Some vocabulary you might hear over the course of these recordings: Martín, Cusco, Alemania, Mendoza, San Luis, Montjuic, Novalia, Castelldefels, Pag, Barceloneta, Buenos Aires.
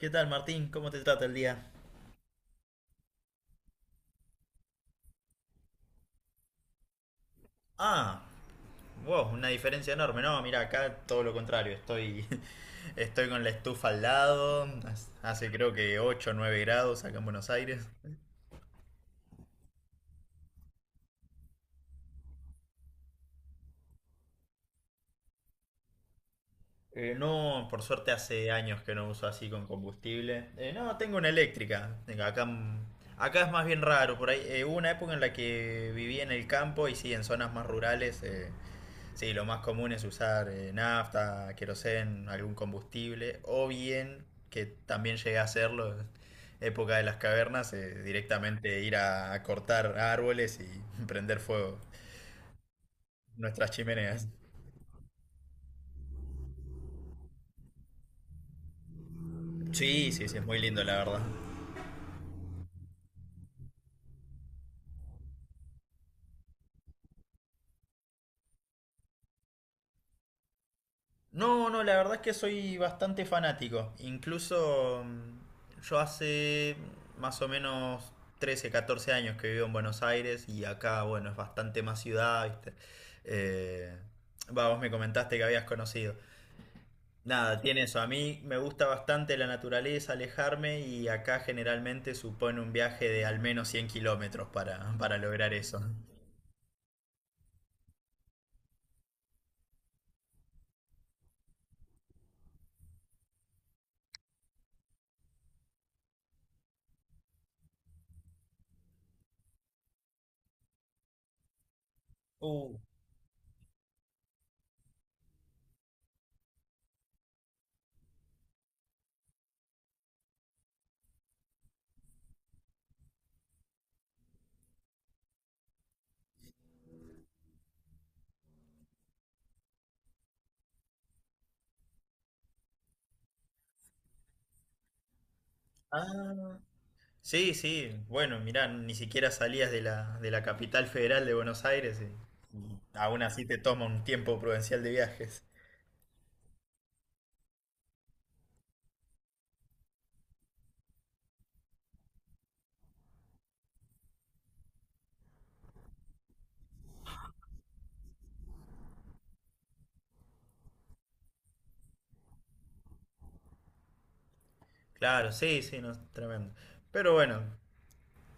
¿Qué tal, Martín? ¿Cómo te trata el día? Ah, wow, una diferencia enorme. No, mira, acá todo lo contrario. Estoy, estoy con la estufa al lado. Hace creo que 8, o 9 grados acá en Buenos Aires. No, por suerte hace años que no uso así con combustible. No, tengo una eléctrica. Tengo acá, acá es más bien raro. Por ahí, hubo una época en la que vivía en el campo y sí, en zonas más rurales. Sí, lo más común es usar nafta, querosén, algún combustible, o bien, que también llegué a hacerlo en época de las cavernas, directamente ir a cortar árboles y prender fuego nuestras chimeneas. Sí, sí, sí, es muy lindo la verdad. No, no, la verdad es que soy bastante fanático. Incluso yo hace más o menos 13, 14 años que vivo en Buenos Aires y acá, bueno, es bastante más ciudad, ¿viste? Eh, Vos me comentaste que habías conocido. Nada, tiene eso. A mí me gusta bastante la naturaleza, alejarme y acá generalmente supone un viaje de al menos 100 kilómetros para lograr eso. Uh, ah. Sí, sí, bueno, mirá, ni siquiera salías de la capital federal de Buenos Aires y aún así te toma un tiempo prudencial de viajes. Claro, sí, sí, no, tremendo. Pero bueno,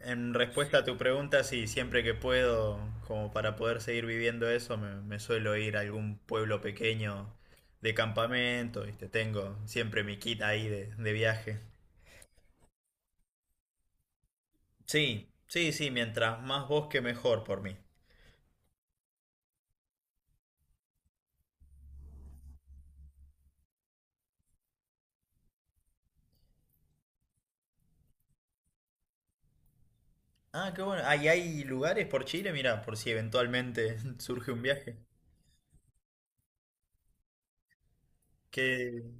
en respuesta a tu pregunta, sí, siempre que puedo, como para poder seguir viviendo eso, me suelo ir a algún pueblo pequeño de campamento, ¿viste? Tengo siempre mi kit ahí de viaje. Sí, sí, sí, mientras más bosque mejor por mí. Ah, qué bueno. Ahí hay lugares por Chile, mira, por si eventualmente surge un viaje. Que...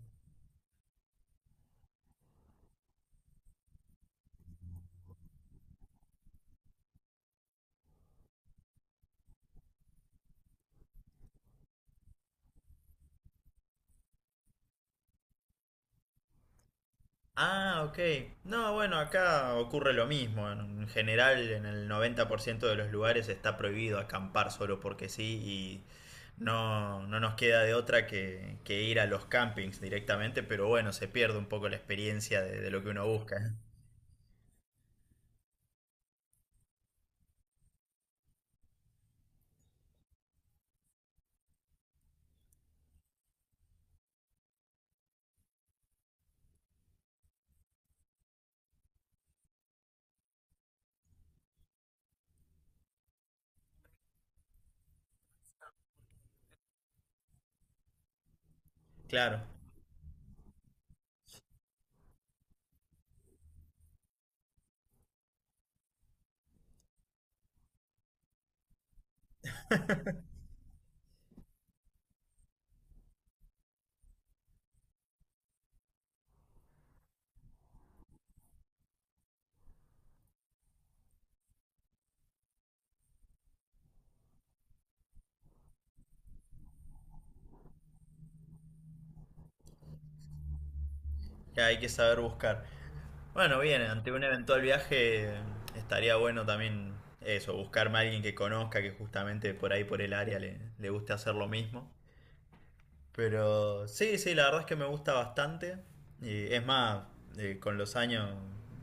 Ah, ok. No, bueno, acá ocurre lo mismo. En general, en el 90% de los lugares está prohibido acampar solo porque sí y no, no nos queda de otra que ir a los campings directamente, pero bueno, se pierde un poco la experiencia de lo que uno busca. ¿Eh? Claro, que hay que saber buscar. Bueno, bien, ante un eventual viaje estaría bueno también eso, buscarme a alguien que conozca, que justamente por ahí, por el área, le guste hacer lo mismo. Pero sí, sí, la verdad es que me gusta bastante. Y es más, con los años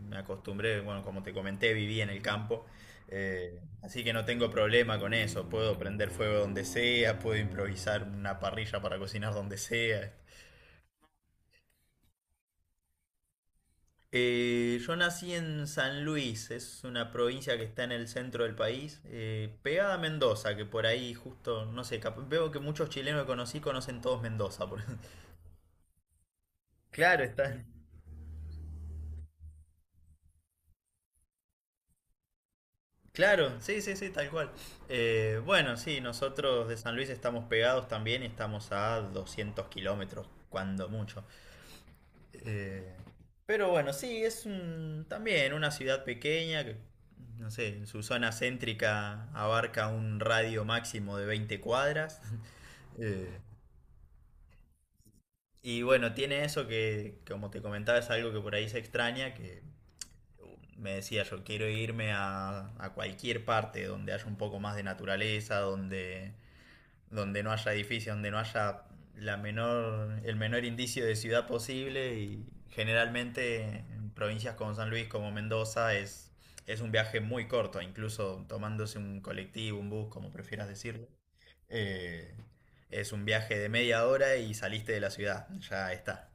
me acostumbré, bueno, como te comenté, viví en el campo. Así que no tengo problema con eso. Puedo prender fuego donde sea, puedo improvisar una parrilla para cocinar donde sea. Yo nací en San Luis, es una provincia que está en el centro del país, pegada a Mendoza, que por ahí justo, no sé, veo que muchos chilenos que conocí conocen todos Mendoza. Claro, está. Claro, sí, sí, sí, tal cual. Bueno, sí, nosotros de San Luis estamos pegados también y estamos a 200 kilómetros, cuando mucho. Eh, pero bueno, sí, es un, también una ciudad pequeña no sé, en su zona céntrica abarca un radio máximo de 20 cuadras. Eh, y bueno, tiene eso que, como te comentaba, es algo que por ahí se extraña, que me decía yo quiero irme a cualquier parte donde haya un poco más de naturaleza, donde no haya edificios, donde no haya la menor, el menor indicio de ciudad posible y generalmente en provincias como San Luis, como Mendoza, es un viaje muy corto, incluso tomándose un colectivo, un bus, como prefieras decirlo. Eh, es un viaje de media hora y saliste de la ciudad, ya está.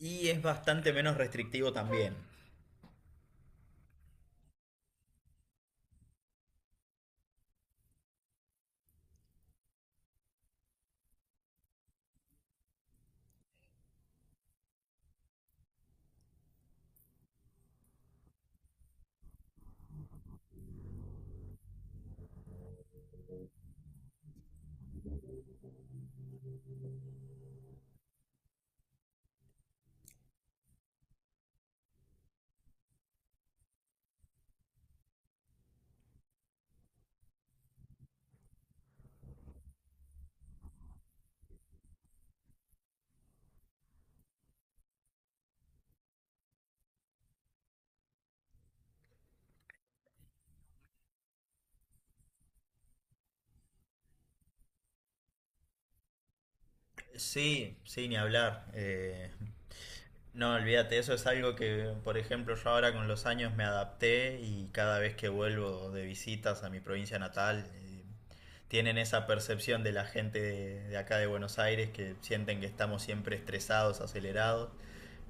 Y es bastante menos restrictivo también. Sí, sí, ni hablar. No, olvídate, eso es algo que, por ejemplo, yo ahora con los años me adapté y cada vez que vuelvo de visitas a mi provincia natal, tienen esa percepción de la gente de acá de Buenos Aires que sienten que estamos siempre estresados, acelerados.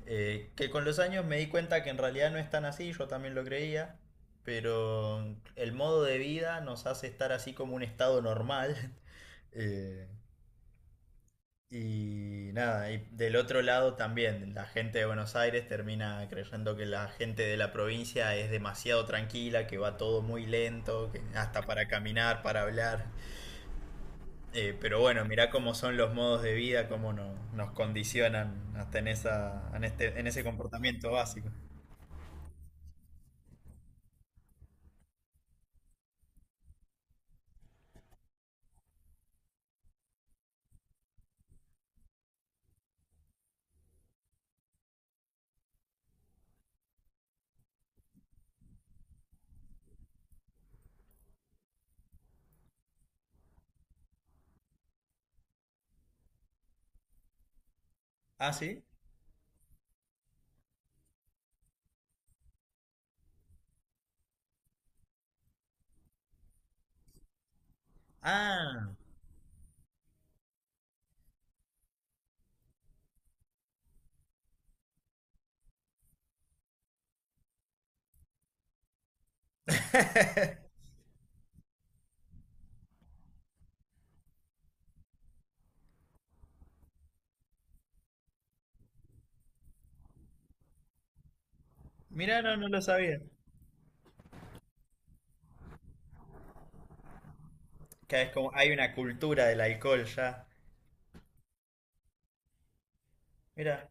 Que con los años me di cuenta que en realidad no es tan así, yo también lo creía, pero el modo de vida nos hace estar así como un estado normal. eh, y nada, y del otro lado también, la gente de Buenos Aires termina creyendo que la gente de la provincia es demasiado tranquila, que va todo muy lento, que hasta para caminar, para hablar. Pero bueno, mirá cómo son los modos de vida, cómo nos condicionan hasta en esa, en este, en ese comportamiento básico. ¿Ah, sí? Ah, mirá, no, no lo sabía. Que es como, hay una cultura del alcohol ya. Mirá.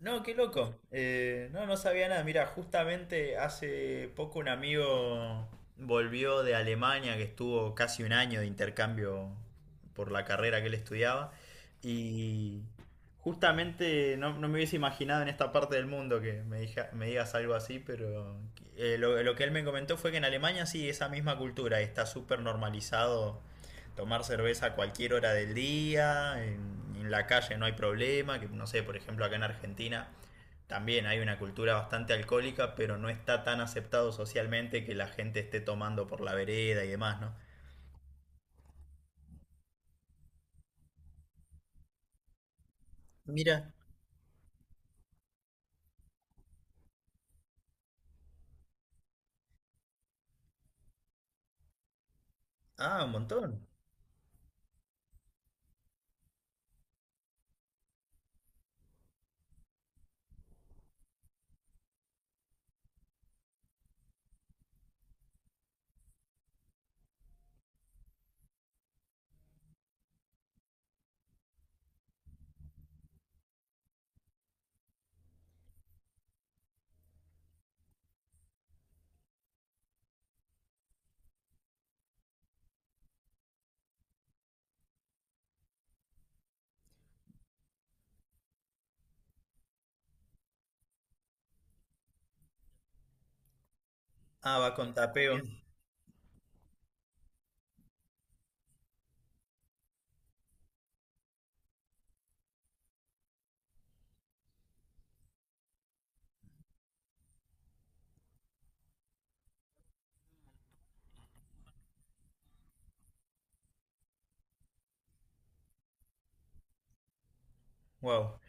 No, qué loco. No, no sabía nada. Mira, justamente hace poco un amigo volvió de Alemania, que estuvo casi un año de intercambio por la carrera que él estudiaba. Y justamente no, no me hubiese imaginado en esta parte del mundo que me, me digas algo así, pero lo que él me comentó fue que en Alemania sí, esa misma cultura está súper normalizado tomar cerveza a cualquier hora del día, en la calle no hay problema, que no sé, por ejemplo, acá en Argentina también hay una cultura bastante alcohólica, pero no está tan aceptado socialmente que la gente esté tomando por la vereda y demás, ¿no? Mira, ah, un montón. Ah, va con tapeo. Wow.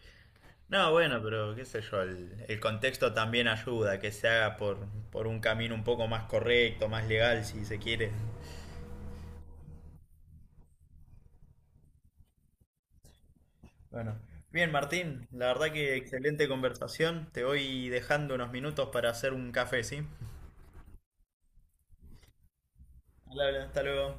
No, bueno, pero qué sé yo, el contexto también ayuda, que se haga por un camino un poco más correcto, más legal, si se quiere. Bueno, bien Martín, la verdad que excelente conversación. Te voy dejando unos minutos para hacer un café, ¿sí? Hola, hola, hasta luego.